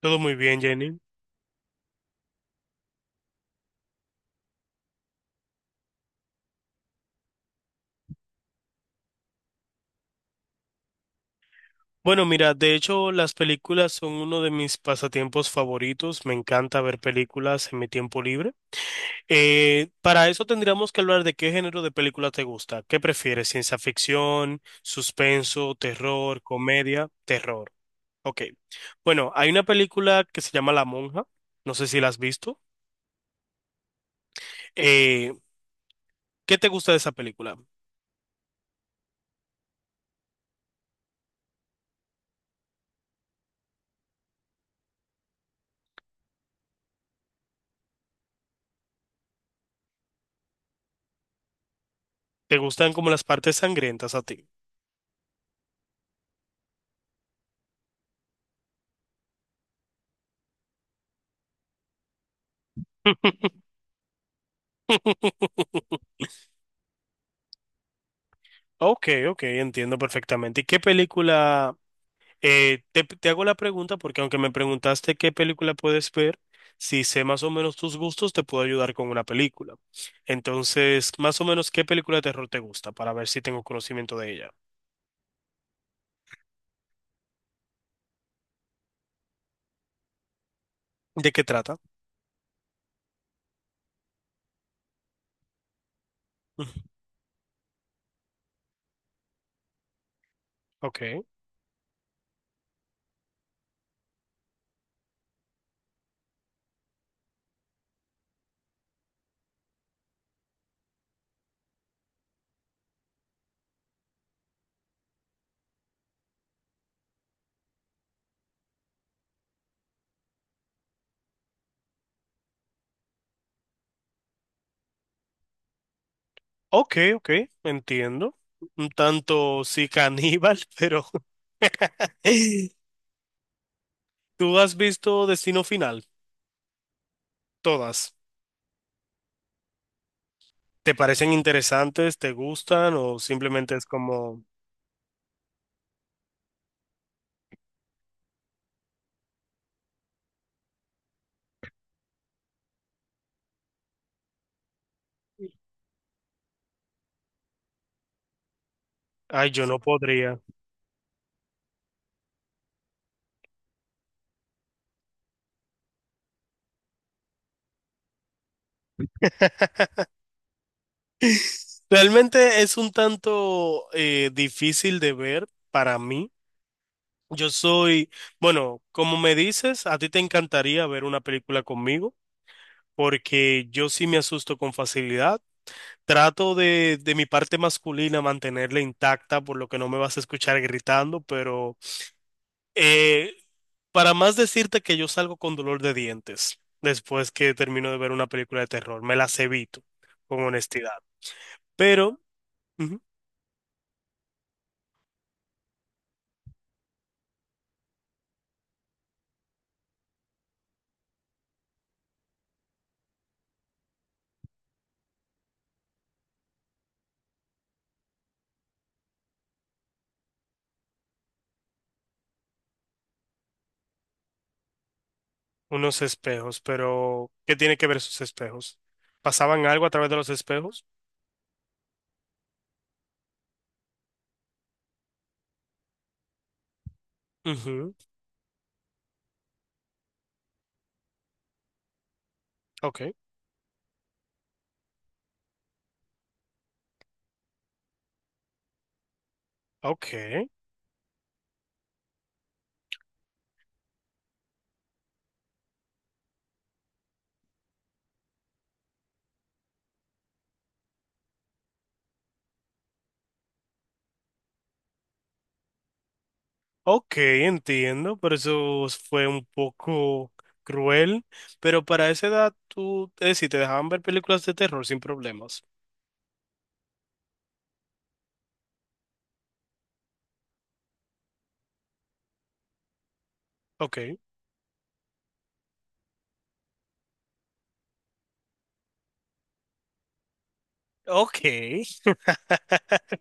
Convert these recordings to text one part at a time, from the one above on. Todo muy bien, Jenny. Bueno, mira, de hecho, las películas son uno de mis pasatiempos favoritos. Me encanta ver películas en mi tiempo libre. Para eso tendríamos que hablar de qué género de película te gusta. ¿Qué prefieres? ¿Ciencia ficción, suspenso, terror, comedia? Terror. Ok. Bueno, hay una película que se llama La Monja. No sé si la has visto. Eh, ¿Qué te gusta de esa película? ¿Te gustan como las partes sangrientas a ti? Ok, ok, entiendo perfectamente. ¿Y qué película? Te hago la pregunta porque aunque me preguntaste qué película puedes ver, si sé más o menos tus gustos, te puedo ayudar con una película. Entonces, más o menos, ¿qué película de terror te gusta para ver si tengo conocimiento de ella? ¿De qué trata? Ujú. Ok, ok, entiendo. Un tanto sí caníbal, pero ¿tú has visto Destino Final? Todas. ¿Te parecen interesantes? ¿Te gustan? ¿O simplemente es como... Ay, yo no podría. Realmente es un tanto difícil de ver para mí. Yo soy, bueno, como me dices, a ti te encantaría ver una película conmigo, porque yo sí me asusto con facilidad. Trato de mi parte masculina mantenerla intacta, por lo que no me vas a escuchar gritando, pero eh, para más decirte que yo salgo con dolor de dientes después que termino de ver una película de terror, me las evito, con honestidad. Pero ujú, unos espejos, pero ¿qué tiene que ver esos espejos? ¿Pasaban algo a través de los espejos? Ujú. Ok, ok, ok, entiendo, pero eso fue un poco cruel, pero para esa edad tú, es decir, te dejaban ver películas de terror sin problemas. Ok, ok,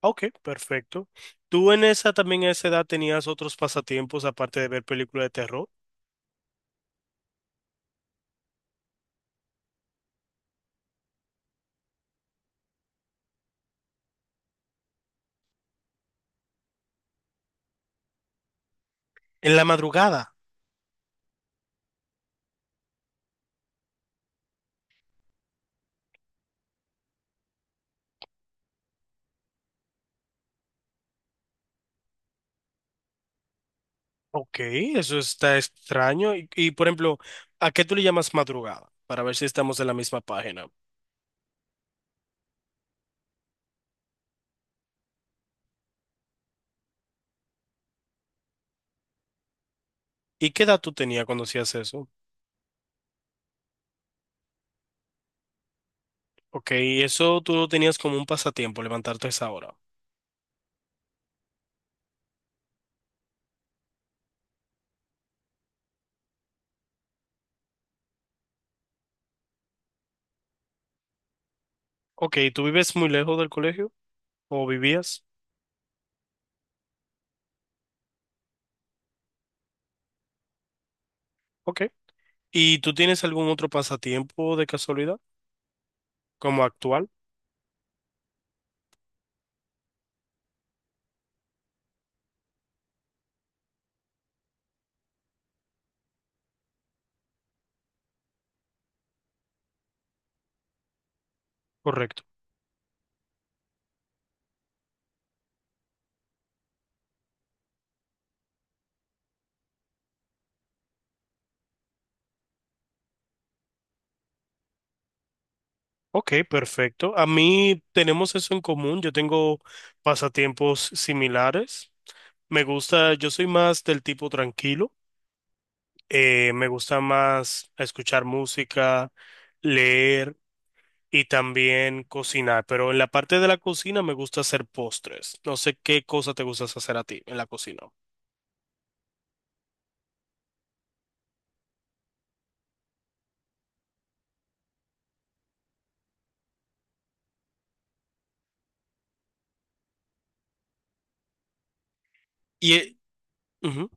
ok, perfecto. ¿Tú en esa también a esa edad tenías otros pasatiempos aparte de ver películas de terror? En la madrugada. Ok, eso está extraño. Por ejemplo, ¿a qué tú le llamas madrugada? Para ver si estamos en la misma página. ¿Y qué edad tú tenías cuando hacías eso? Ok, eso tú lo tenías como un pasatiempo, levantarte a esa hora. Ok, ¿tú vives muy lejos del colegio? ¿O vivías? Ok. ¿Y tú tienes algún otro pasatiempo de casualidad? ¿Como actual? Correcto. Ok, perfecto. A mí tenemos eso en común. Yo tengo pasatiempos similares. Me gusta, yo soy más del tipo tranquilo. Me gusta más escuchar música, leer y también cocinar. Pero en la parte de la cocina me gusta hacer postres. No sé qué cosa te gustas hacer a ti en la cocina. Y ujú.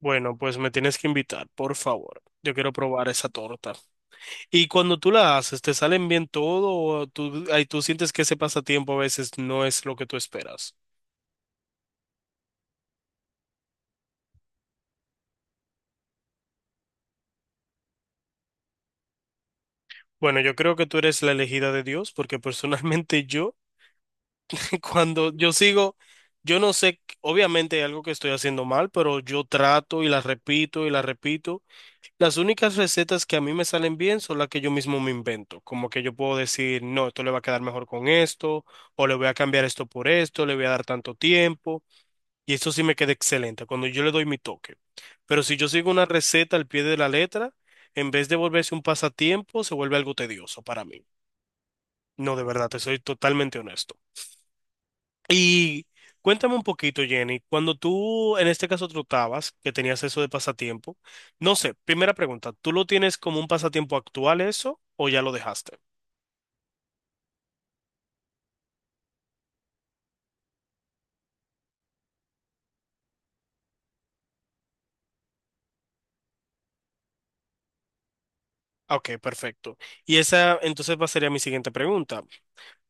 Bueno, pues me tienes que invitar, por favor. Yo quiero probar esa torta. Y cuando tú la haces, ¿te salen bien todo o tú, ay, tú sientes que ese pasatiempo a veces no es lo que tú esperas? Bueno, yo creo que tú eres la elegida de Dios porque personalmente yo cuando yo sigo, yo no sé, obviamente hay algo que estoy haciendo mal, pero yo trato y las repito y las repito. Las únicas recetas que a mí me salen bien son las que yo mismo me invento. Como que yo puedo decir, no, esto le va a quedar mejor con esto, o le voy a cambiar esto por esto, le voy a dar tanto tiempo. Y esto sí me queda excelente cuando yo le doy mi toque. Pero si yo sigo una receta al pie de la letra, en vez de volverse un pasatiempo, se vuelve algo tedioso para mí. No, de verdad, te soy totalmente honesto. Y cuéntame un poquito, Jenny, cuando tú en este caso trotabas, que tenías eso de pasatiempo, no sé, primera pregunta, ¿tú lo tienes como un pasatiempo actual eso o ya lo dejaste? Ah, ok, perfecto. Y esa entonces va sería mi siguiente pregunta.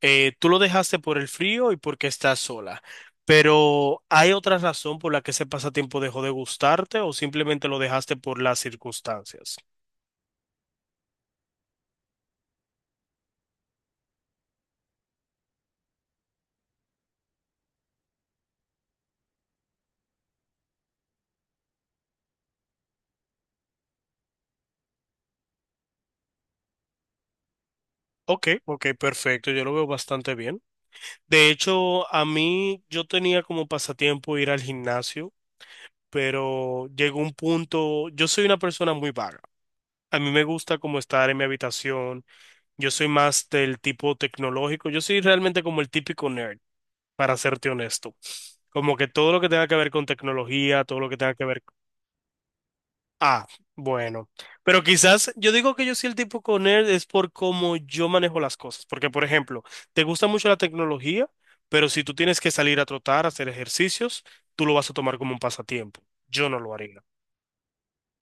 Tú lo dejaste por el frío y porque estás sola, pero ¿hay otra razón por la que ese pasatiempo dejó de gustarte o simplemente lo dejaste por las circunstancias? Ok, ok, perfecto, yo lo veo bastante bien. De hecho, a mí yo tenía como pasatiempo ir al gimnasio, pero llegó un punto, yo soy una persona muy vaga. A mí me gusta como estar en mi habitación, yo soy más del tipo tecnológico, yo soy realmente como el típico nerd, para serte honesto. Como que todo lo que tenga que ver con tecnología, todo lo que tenga que ver. Ah, bueno. Pero quizás yo digo que yo soy el tipo con nerd es por cómo yo manejo las cosas. Porque, por ejemplo, te gusta mucho la tecnología, pero si tú tienes que salir a trotar, hacer ejercicios, tú lo vas a tomar como un pasatiempo. Yo no lo haría.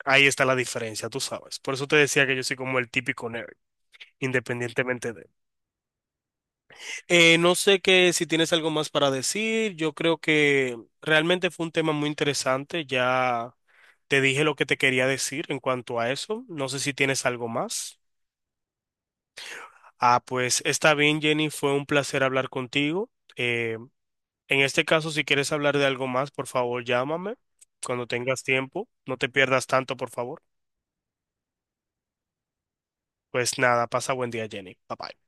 Ahí está la diferencia, tú sabes. Por eso te decía que yo soy como el típico nerd, independientemente de. No sé que si tienes algo más para decir. Yo creo que realmente fue un tema muy interesante. Ya te dije lo que te quería decir en cuanto a eso. No sé si tienes algo más. Ah, pues está bien, Jenny, fue un placer hablar contigo. Eh, en este caso, si quieres hablar de algo más, por favor, llámame cuando tengas tiempo. No te pierdas tanto, por favor. Pues nada, pasa buen día, Jenny. Bye bye.